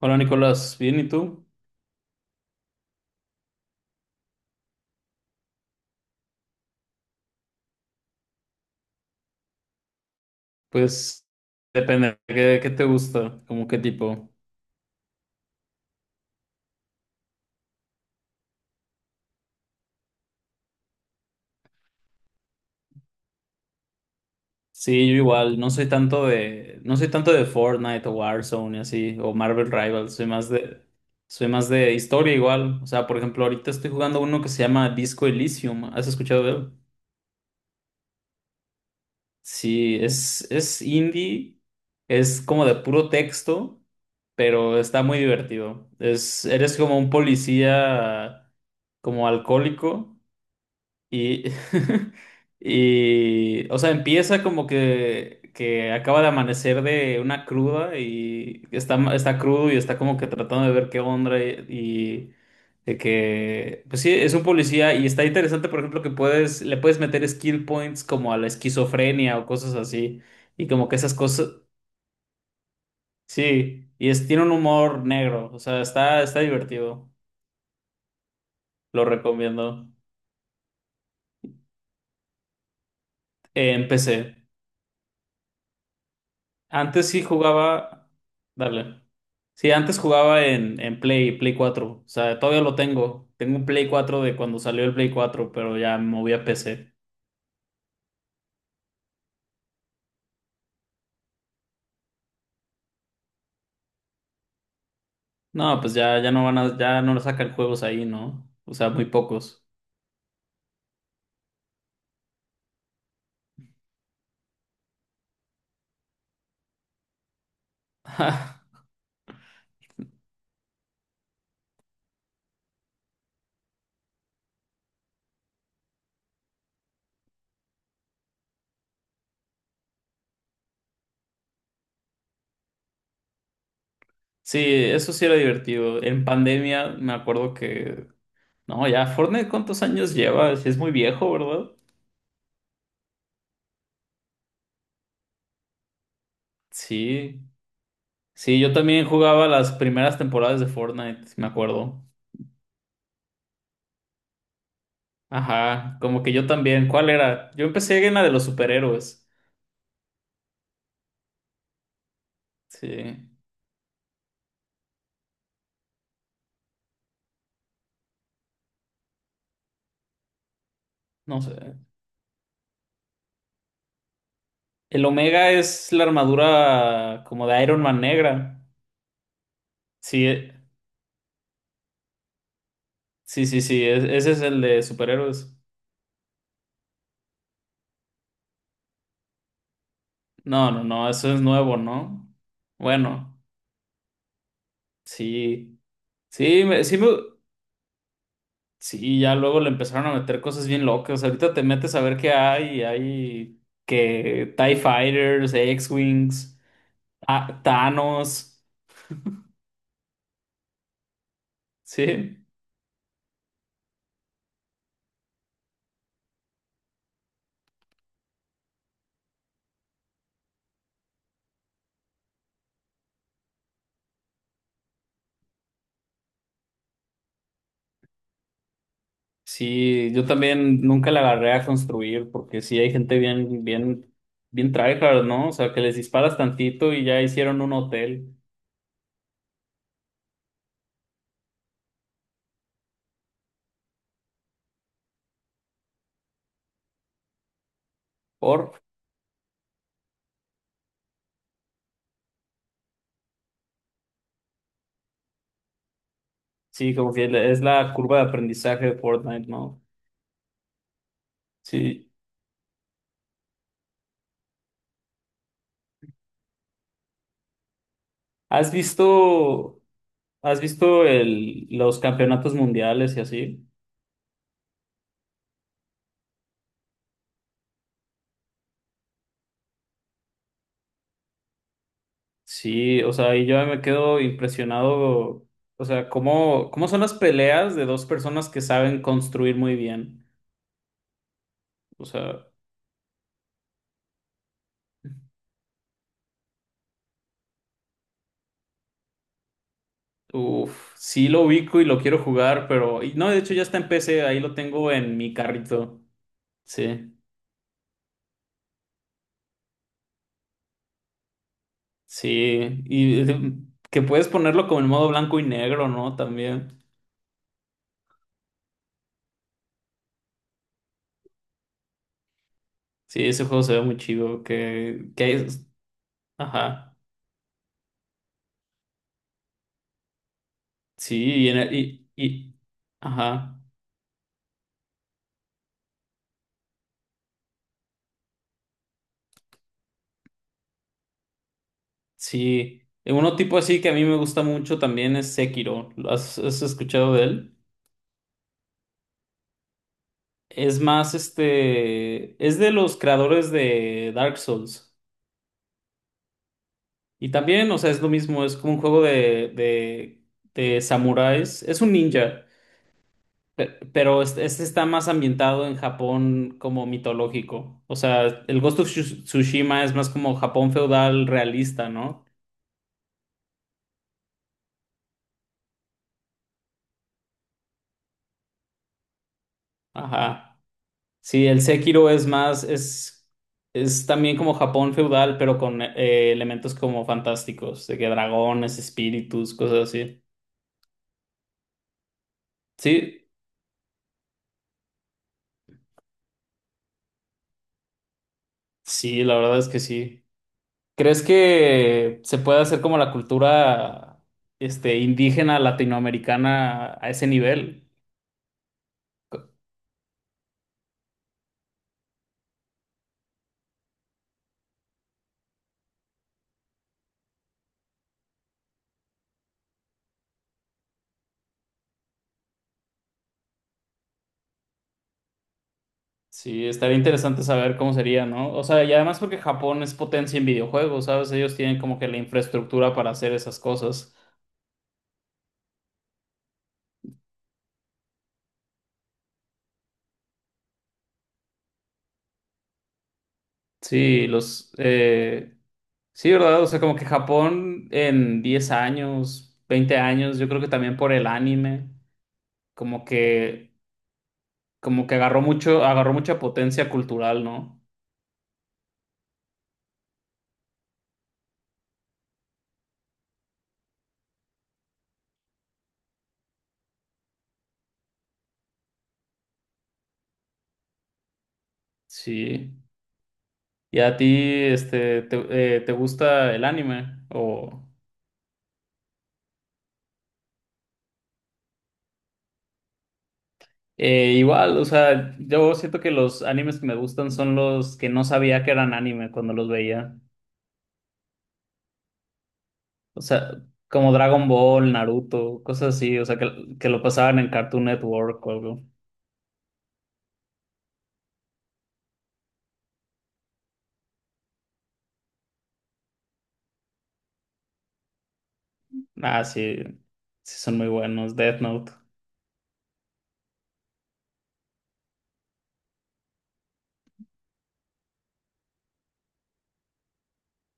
Hola Nicolás, bien, ¿y tú? Pues depende, ¿qué te gusta? ¿Cómo qué tipo? Sí, yo igual, no soy tanto de Fortnite o Warzone y así, o Marvel Rivals, soy más de historia igual. O sea, por ejemplo, ahorita estoy jugando uno que se llama Disco Elysium, ¿has escuchado de él? Sí, es indie, es como de puro texto, pero está muy divertido. Eres como un policía como alcohólico. Y, y, o sea, empieza que acaba de amanecer de una cruda y está crudo y está como que tratando de ver qué onda, y de que, pues sí, es un policía y está interesante, por ejemplo, que le puedes meter skill points como a la esquizofrenia o cosas así y como que esas cosas. Sí, y tiene un humor negro, o sea, está divertido, lo recomiendo. En PC. Antes sí jugaba. Dale. Sí, antes jugaba en Play cuatro, O sea, todavía lo tengo. Tengo un Play 4 de cuando salió el Play 4, pero ya me moví a PC. No, pues ya, ya no sacan juegos ahí, ¿no? O sea, muy pocos. Sí, eso sí era divertido. En pandemia me acuerdo que. No, ya, Fortnite, ¿cuántos años lleva? Sí, es muy viejo, ¿verdad? Sí. Sí, yo también jugaba las primeras temporadas de Fortnite, me acuerdo. Ajá, como que yo también. ¿Cuál era? Yo empecé en la de los superhéroes. Sí, no sé. El Omega es la armadura como de Iron Man negra. Sí, sí, sí, sí, ese es el de superhéroes. No, no, no, eso es nuevo, ¿no? Bueno, sí, sí, sí, sí, ya luego le empezaron a meter cosas bien locas. Ahorita te metes a ver qué hay, y hay que TIE Fighters, X-Wings, Thanos, sí. Sí, yo también nunca la agarré a construir porque sí hay gente bien, bien, bien tryhard, ¿no? O sea, que les disparas tantito y ya hicieron un hotel. Por, sí, como que es la curva de aprendizaje de Fortnite, ¿no? Sí. ¿Has visto, has visto los campeonatos mundiales y así? Sí, o sea, y yo me quedo impresionado, o sea, cómo son las peleas de dos personas que saben construir muy bien. O sea. Uf, sí lo ubico y lo quiero jugar, pero y no, de hecho ya está en PC, ahí lo tengo en mi carrito. Sí, sí, y que puedes ponerlo como en modo blanco y negro, ¿no? También. Sí, ese juego se ve muy chido, ajá, sí, y, en el- y- ajá, sí. Uno tipo así que a mí me gusta mucho también es Sekiro. ¿Has escuchado de él? Es más, este, es de los creadores de Dark Souls. Y también, o sea, es lo mismo, es como un juego de, de samuráis. Es un ninja, pero este está más ambientado en Japón como mitológico. O sea, el Ghost of Tsushima es más como Japón feudal realista, ¿no? Ajá. Sí, el Sekiro es también como Japón feudal, pero con elementos como fantásticos, de que dragones, espíritus, cosas así. Sí, sí, la verdad es que sí. ¿Crees que se puede hacer como la cultura indígena latinoamericana a ese nivel? Sí, estaría interesante saber cómo sería, ¿no? O sea, y además porque Japón es potencia en videojuegos, ¿sabes? Ellos tienen como que la infraestructura para hacer esas cosas. Sí, sí, ¿verdad? O sea, como que Japón en 10 años, 20 años, yo creo que también por el anime, como que, como que agarró mucha potencia cultural, ¿no? Sí. ¿Y a ti, te gusta el anime? O igual, o sea, yo siento que los animes que me gustan son los que no sabía que eran anime cuando los veía. O sea, como Dragon Ball, Naruto, cosas así, o sea, que lo pasaban en Cartoon Network o algo. Ah, sí, sí son muy buenos. Death Note.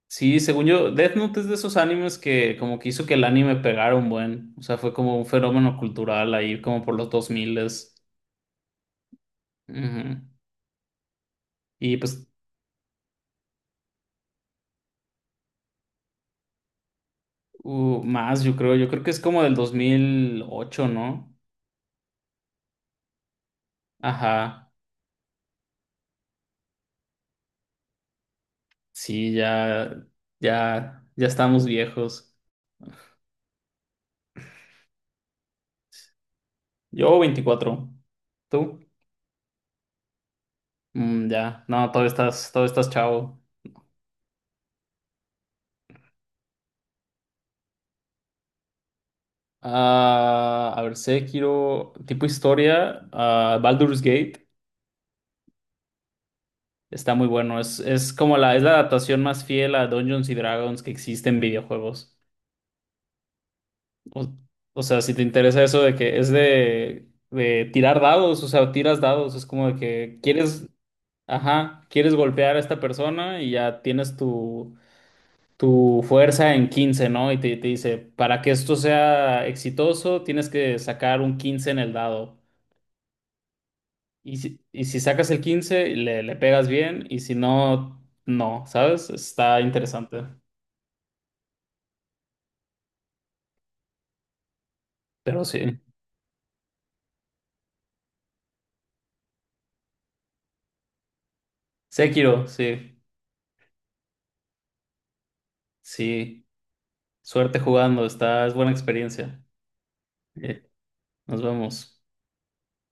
Sí, según yo, Death Note es de esos animes que como que hizo que el anime pegara un buen. O sea, fue como un fenómeno cultural ahí, como por los dos s. Ujú. Y pues más, yo creo que es como del 2008, ¿no? Ajá, sí, ya, ya, ya estamos viejos. Yo 24, ¿tú? Mm, ya, no, todavía estás chavo. Ah, a ver, Sekiro, tipo historia, Baldur's Gate, está muy bueno, es la adaptación más fiel a Dungeons y Dragons que existe en videojuegos. O, o sea, si te interesa eso de que es de tirar dados, o sea, tiras dados, es como de que quieres, ajá, quieres golpear a esta persona y ya tienes tu fuerza en 15, ¿no? Y te dice, para que esto sea exitoso, tienes que sacar un 15 en el dado. Y si sacas el 15, le pegas bien, y si no, no, ¿sabes? Está interesante. Pero sí. Sekiro, sí, sí. Suerte jugando, es buena experiencia. Eh, Nos vemos.